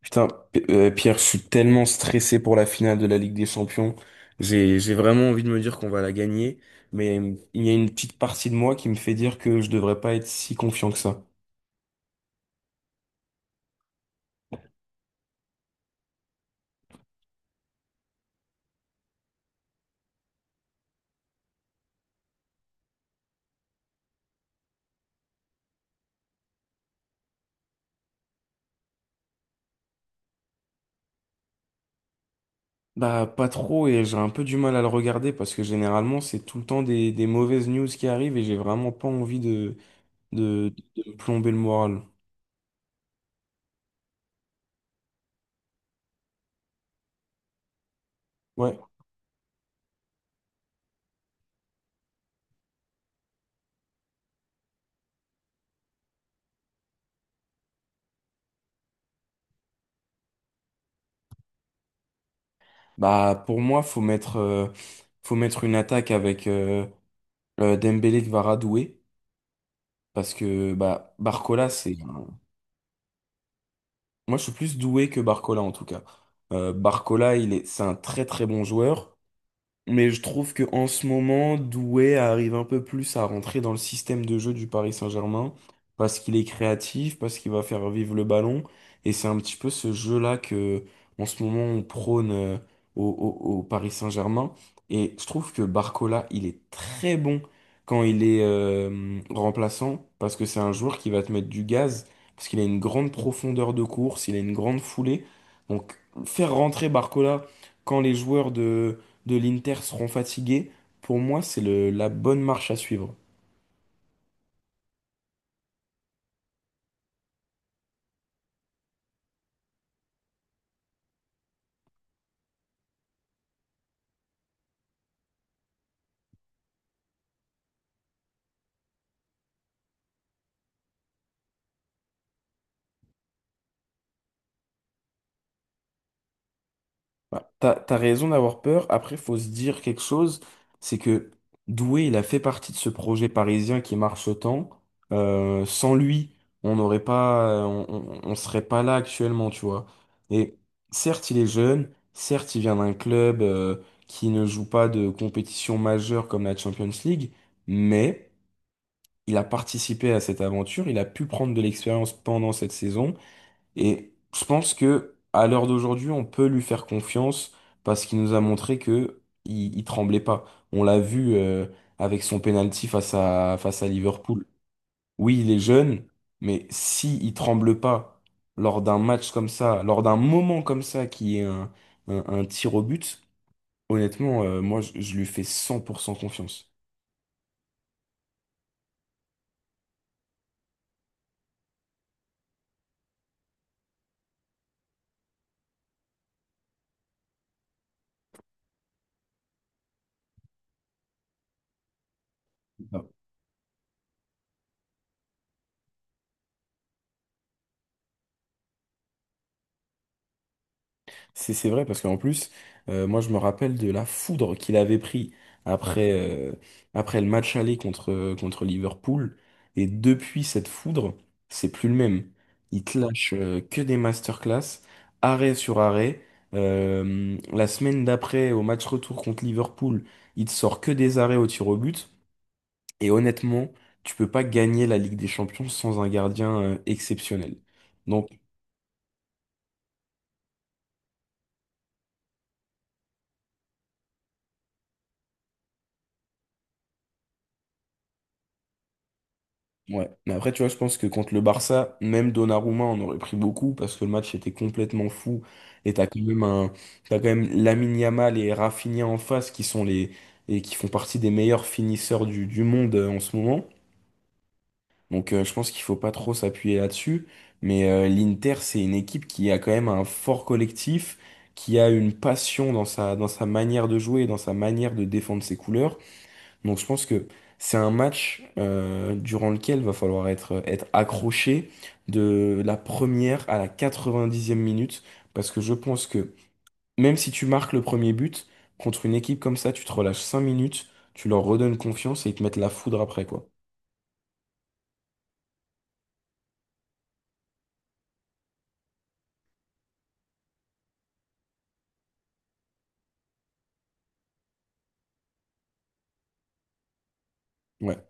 Putain, Pierre, je suis tellement stressé pour la finale de la Ligue des Champions. J'ai vraiment envie de me dire qu'on va la gagner, mais il y a une petite partie de moi qui me fait dire que je devrais pas être si confiant que ça. Bah, pas trop, et j'ai un peu du mal à le regarder parce que généralement, c'est tout le temps des mauvaises news qui arrivent et j'ai vraiment pas envie de me plomber le moral. Ouais. Bah, pour moi, faut mettre une attaque avec Dembélé qui va radouer. Parce que bah, Moi, je suis plus doué que Barcola, en tout cas. Barcola, il est... c'est un très très bon joueur. Mais je trouve que en ce moment, Doué arrive un peu plus à rentrer dans le système de jeu du Paris Saint-Germain parce qu'il est créatif, parce qu'il va faire vivre le ballon. Et c'est un petit peu ce jeu-là que, en ce moment, on prône au, au- au Paris Saint-Germain. Et je trouve que Barcola, il est très bon quand il est remplaçant parce que c'est un joueur qui va te mettre du gaz, parce qu'il a une grande profondeur de course, il a une grande foulée. Donc, faire rentrer Barcola quand les joueurs de l'Inter seront fatigués, pour moi, la bonne marche à suivre. Bah, t'as raison d'avoir peur. Après, faut se dire quelque chose, c'est que Doué, il a fait partie de ce projet parisien qui marche autant. Sans lui, on n'aurait pas, on serait pas là actuellement, tu vois. Et certes, il est jeune. Certes, il vient d'un club qui ne joue pas de compétition majeure comme la Champions League, mais il a participé à cette aventure. Il a pu prendre de l'expérience pendant cette saison. Et je pense que à l'heure d'aujourd'hui, on peut lui faire confiance parce qu'il nous a montré que il tremblait pas. On l'a vu avec son penalty face à Liverpool. Oui, il est jeune, mais si il tremble pas lors d'un match comme ça, lors d'un moment comme ça qui un tir au but, honnêtement, je lui fais 100% confiance. C'est vrai parce qu'en plus, moi je me rappelle de la foudre qu'il avait pris après, euh, après le match aller contre Liverpool. Et depuis cette foudre, c'est plus le même. Il te lâche que des masterclass, arrêt sur arrêt. La semaine d'après, au match retour contre Liverpool, il te sort que des arrêts au tir au but. Et honnêtement, tu peux pas gagner la Ligue des Champions sans un gardien exceptionnel. Donc Ouais, mais après, tu vois, je pense que contre le Barça, même Donnarumma, on aurait pris beaucoup parce que le match était complètement fou. Et t'as quand même Lamine Yamal et Rafinha en face qui et qui font partie des meilleurs finisseurs du monde en ce moment. Donc, je pense qu'il faut pas trop s'appuyer là-dessus. Mais l'Inter, c'est une équipe qui a quand même un fort collectif, qui a une passion dans sa manière de jouer, dans sa manière de défendre ses couleurs. Donc je pense que c'est un match durant lequel va falloir être accroché de la première à la quatre-vingt-dixième minute, parce que je pense que même si tu marques le premier but, contre une équipe comme ça, tu te relâches 5 minutes, tu leur redonnes confiance et ils te mettent la foudre après, quoi. Ouais.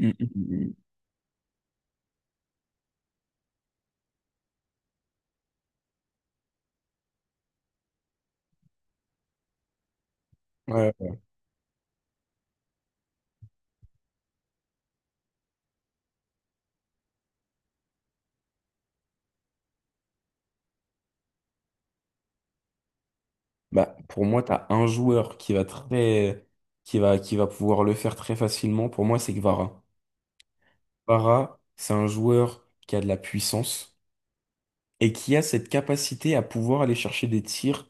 Mm, mm, mm. Ouais. Bah, pour moi, tu as un joueur qui va très, qui va pouvoir le faire très facilement. Pour moi, c'est Kvara. Kvara, c'est un joueur qui a de la puissance, et qui a cette capacité à pouvoir aller chercher des tirs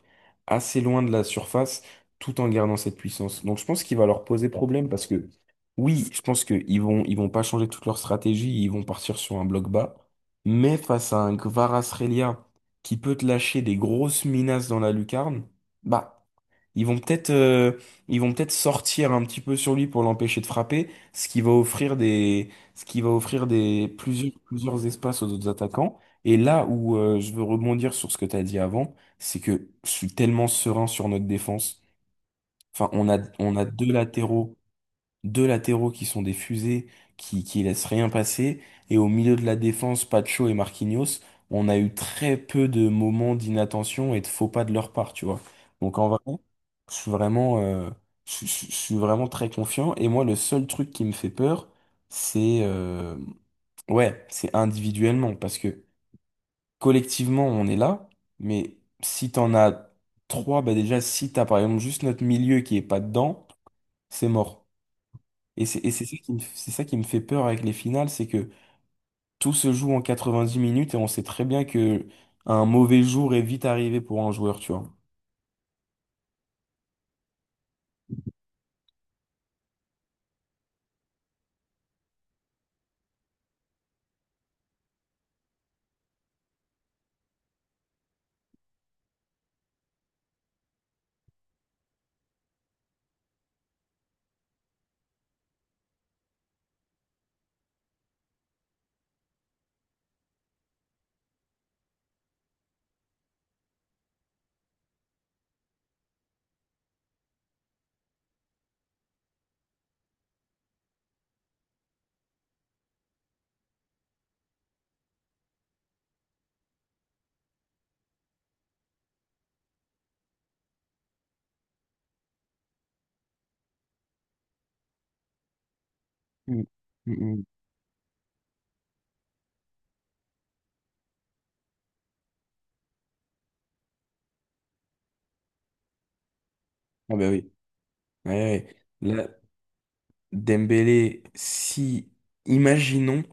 assez loin de la surface tout en gardant cette puissance. Donc je pense qu'il va leur poser problème parce que oui, je pense qu'ils vont ils vont pas changer toute leur stratégie, ils vont partir sur un bloc bas, mais face à un Kvaratskhelia qui peut te lâcher des grosses menaces dans la lucarne, bah ils vont peut-être euh, ils vont peut-être sortir un petit peu sur lui pour l'empêcher de frapper, ce qui va offrir des plusieurs plusieurs espaces aux autres attaquants. Et là où je veux rebondir sur ce que tu as dit avant, c'est que je suis tellement serein sur notre défense. Enfin, on a deux latéraux qui sont des fusées qui laissent rien passer, et au milieu de la défense, Pacho et Marquinhos, on a eu très peu de moments d'inattention et de faux pas de leur part, tu vois. Donc en vrai, je suis vraiment, euh, je suis vraiment très confiant, et moi, le seul truc qui me fait peur, c'est ouais, c'est individuellement, parce que collectivement, on est là, mais si t'en as trois, bah déjà, si t'as par exemple juste notre milieu qui est pas dedans, c'est mort. Et c'est ça qui c'est ça qui me fait peur avec les finales, c'est que tout se joue en 90 minutes et on sait très bien que un mauvais jour est vite arrivé pour un joueur, tu vois. Mm. Mm, mm. Ah bah oui. Ouais, ouais. Là, Dembélé, si, imaginons,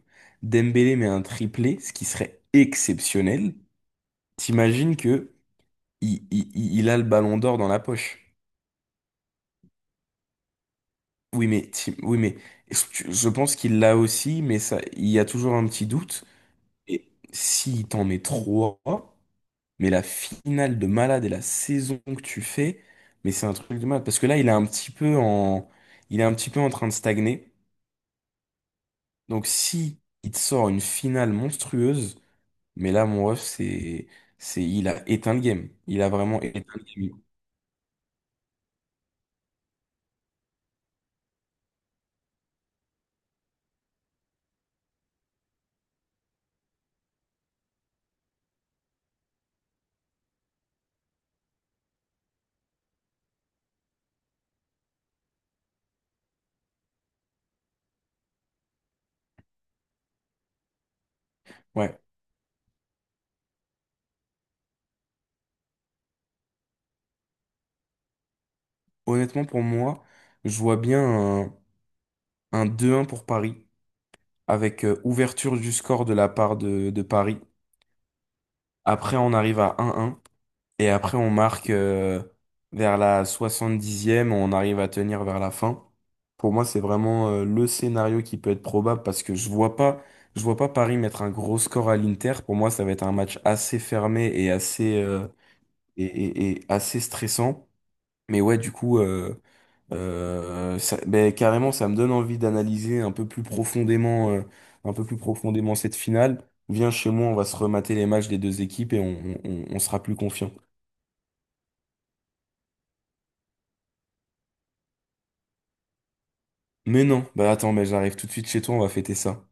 Dembélé met un triplé, ce qui serait exceptionnel. T'imagines que il a le ballon d'or dans la poche. Oui, mais je pense qu'il l'a aussi, mais ça, il y a toujours un petit doute. Et si t'en mets trois, mais la finale de malade et la saison que tu fais, mais c'est un truc de malade. Parce que là, il est un petit peu en train de stagner. Donc si il te sort une finale monstrueuse, mais là, mon ref, c'est, il a éteint le game. Il a vraiment éteint le game. Ouais. Honnêtement, pour moi, je vois bien un 2-1 pour Paris, avec ouverture du score de la part de Paris. Après, on arrive à un un. Et après, on marque vers la soixante dixième, on arrive à tenir vers la fin. Pour moi, c'est vraiment le scénario qui peut être probable parce que je vois pas Paris mettre un gros score à l'Inter. Pour moi, ça va être un match assez fermé et assez stressant. Mais ouais, du coup, ben, carrément, ça me donne envie d'analyser un peu plus profondément cette finale. Viens chez moi, on va se remater les matchs des deux équipes et on sera plus confiant. Mais non, bah attends, mais j'arrive tout de suite chez toi, on va fêter ça.